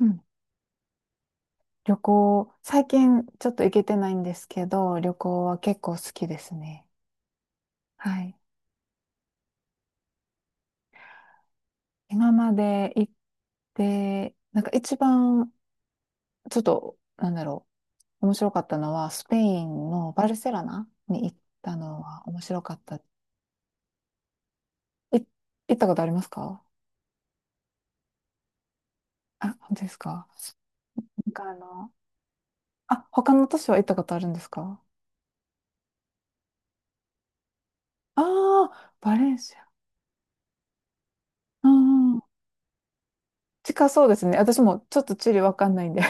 うん。旅行、最近ちょっと行けてないんですけど、旅行は結構好きですね。はい。今まで行って、なんか一番、ちょっと、面白かったのは、スペインのバルセロナに行ったのは面白かった。行ったことありますか？あ、本当ですか？なんかあの、他の都市は行ったことあるんですか？ああー、バレンシア。うんうん。近そうですね。私もちょっと地理わかんないんで。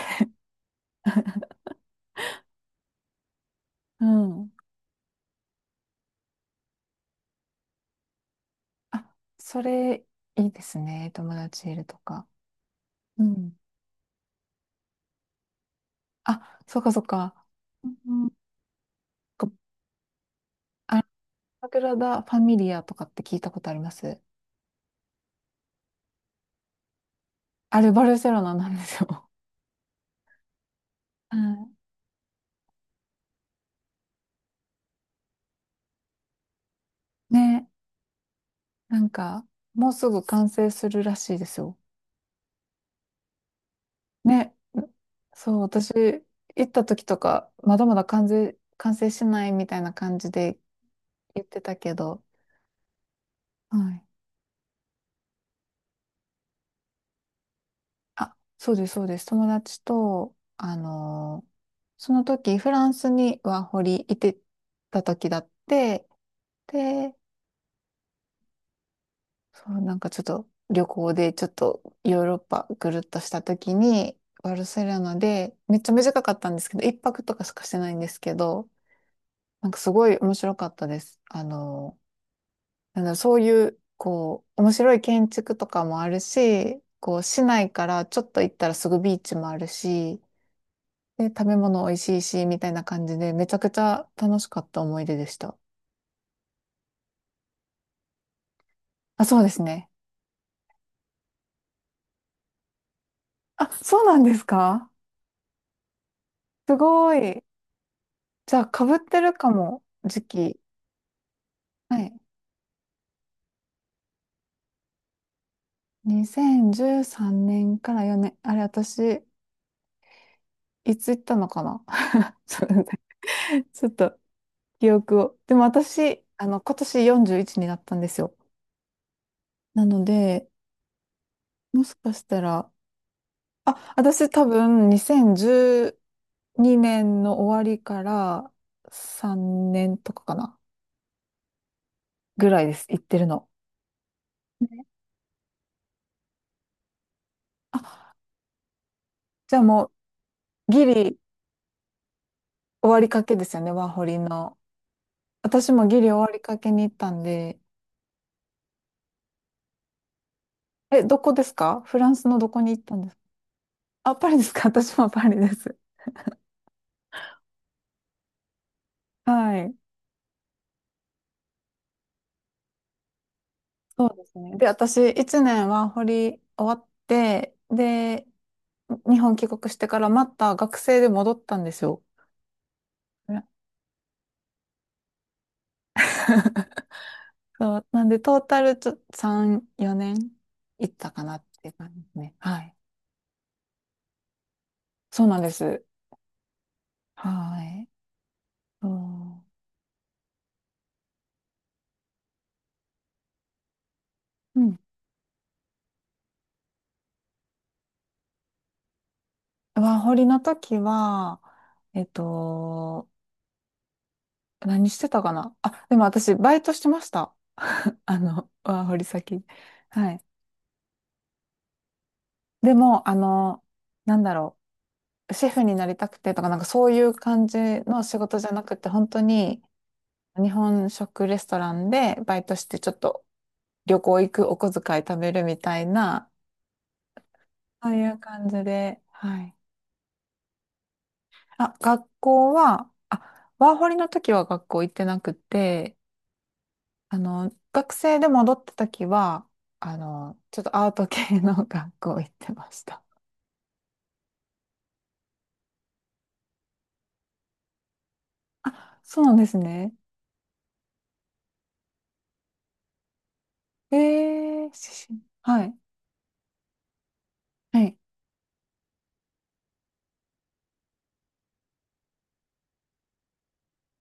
うん。あ、それ、いいですね。友達いるとか。うん。あ、そうかそうか。うんうん。こあの、サグラダ・ファミリアとかって聞いたことあります？あれ、バルセロナなんですよ。はいね、なんか、もうすぐ完成するらしいですよ。ね、そう、私、行った時とか、まだまだ完成、完成しないみたいな感じで言ってたけど、はい。あ、そうです、そうです。友達と、その時、フランスにワーホリいてた時だって、で、そう、なんかちょっと旅行でちょっとヨーロッパぐるっとした時に、バルセロナで、めっちゃ短かったんですけど、一泊とかしかしてないんですけど、なんかすごい面白かったです。なんだろう、そういう、こう、面白い建築とかもあるし、こう、市内からちょっと行ったらすぐビーチもあるし、で、食べ物美味しいし、みたいな感じで、めちゃくちゃ楽しかった思い出でした。あ、そうですね。あ、そうなんですか？すごい。じゃあ、かぶってるかも、時期。はい。2013年から4年。あれ、私、いつ行ったのかな？ ちょっと待って ちょっと記憶を。でも私、あの、今年41になったんですよ。なので、もしかしたら、あ、私多分2012年の終わりから3年とかかな、ぐらいです、行ってるの。ね、あ、じゃあもうギリ終わりかけですよね、ワーホリの。私もギリ終わりかけに行ったんで。え、どこですか？フランスのどこに行ったんですか？あ、パリですか？ 私もパリです。はい。そうですね。で、私1年ワーホリ終わって、で、日本帰国してからまた学生で戻ったんですよ。ね そう、なんで、トータルちょ、3、4年行ったかなっていう感じですね。はい。そうなんです。はい。そう。うん。ワーホリの時は、えっと、何してたかなあ、でも私、バイトしてました。あの、ワーホリ先。はい。でも、あの、なんだろう。シェフになりたくてとか、なんかそういう感じの仕事じゃなくて、本当に日本食レストランでバイトして、ちょっと旅行行く、お小遣い貯めるみたいな、そういう感じで、はい。あ、学校は、あ、ワーホリの時は学校行ってなくて、あの、学生で戻った時は、あの、ちょっとアート系の 学校行ってました。あ、そうなんですね。えー、しはい。はい。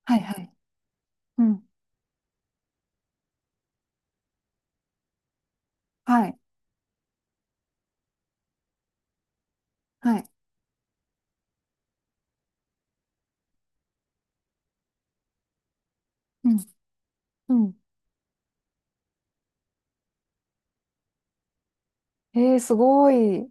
はい。はい。うん。はい。はい。うん。うん。えー、すごい。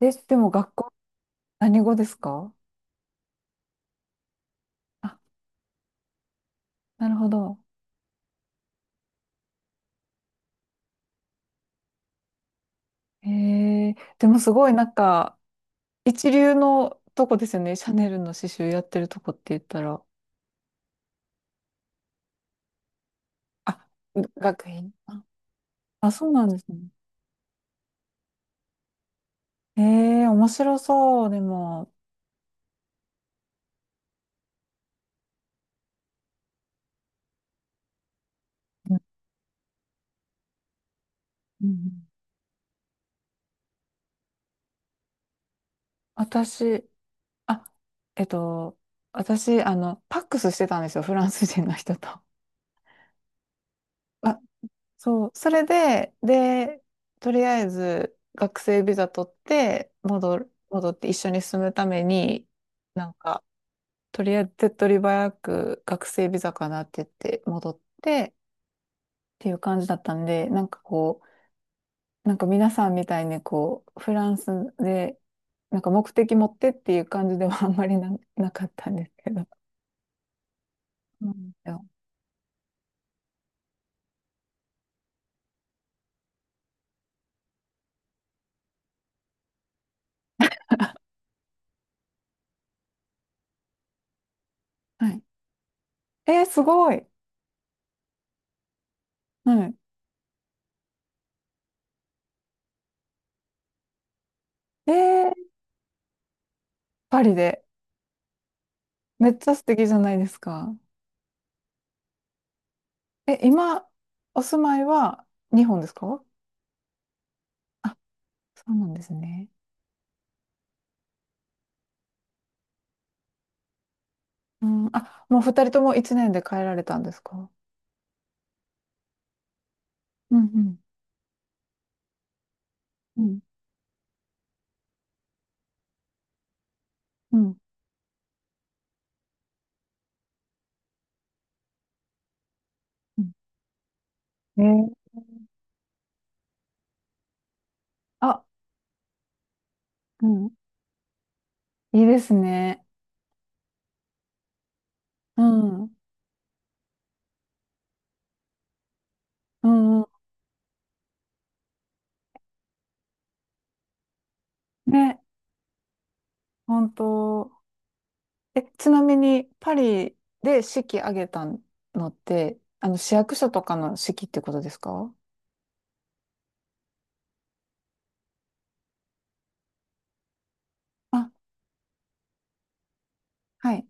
え、でも学校、何語ですか？あ、なるほど。へえ、でもすごいなんか、一流のとこですよね。シャネルの刺繍やってるとこって言ったら。あ、学院。あ、あそうなんですね。へえ、面白そう。でも、うんうん、私、あ、えっと、私、あの、パックスしてたんですよ。フランス人の人と。あ、そう。それで、で、とりあえず、学生ビザ取って、戻って一緒に住むために、なんか、とりあえず手っ取り早く学生ビザかなって言って戻ってっていう感じだったんで、なんかこう、なんか皆さんみたいにこう、フランスで、なんか目的持ってっていう感じでは あんまりな、なかったんですけど。そうなんですよ。はい。えー、すごい。はい。えー、パリで。めっちゃ素敵じゃないですか。え、今、お住まいは日本ですか？あ、そうなんですね。うん、あ、もう二人とも一年で帰られたんですか？うんうん。うんうん。うん。えー。あ、うん。いいですね。うん。うん。うん、ね、本当。え、ちなみに、パリで式挙げたのって、あの、市役所とかの式ってことですか？あ、はい。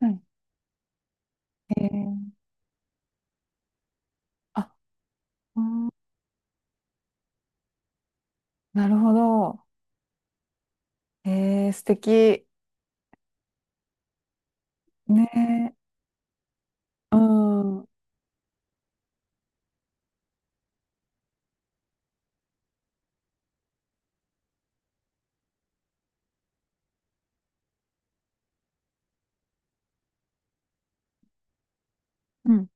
はい。えー、あ、うん、なるほど。えー、素敵。ね。うん。うん。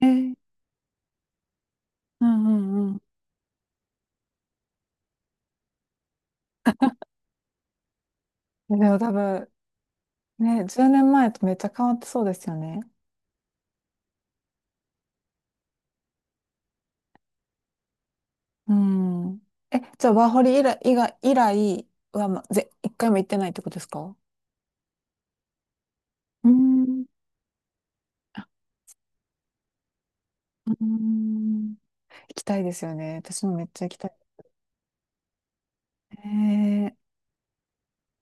えー、うんうんうん。でも多分、ね、10年前とめっちゃ変わってそうですよね。うん。え、じゃあ、ワーホリ以来は、一回も行ってないってことですか？うん、うん、行きたいですよね。私もめっちゃ行きたい。え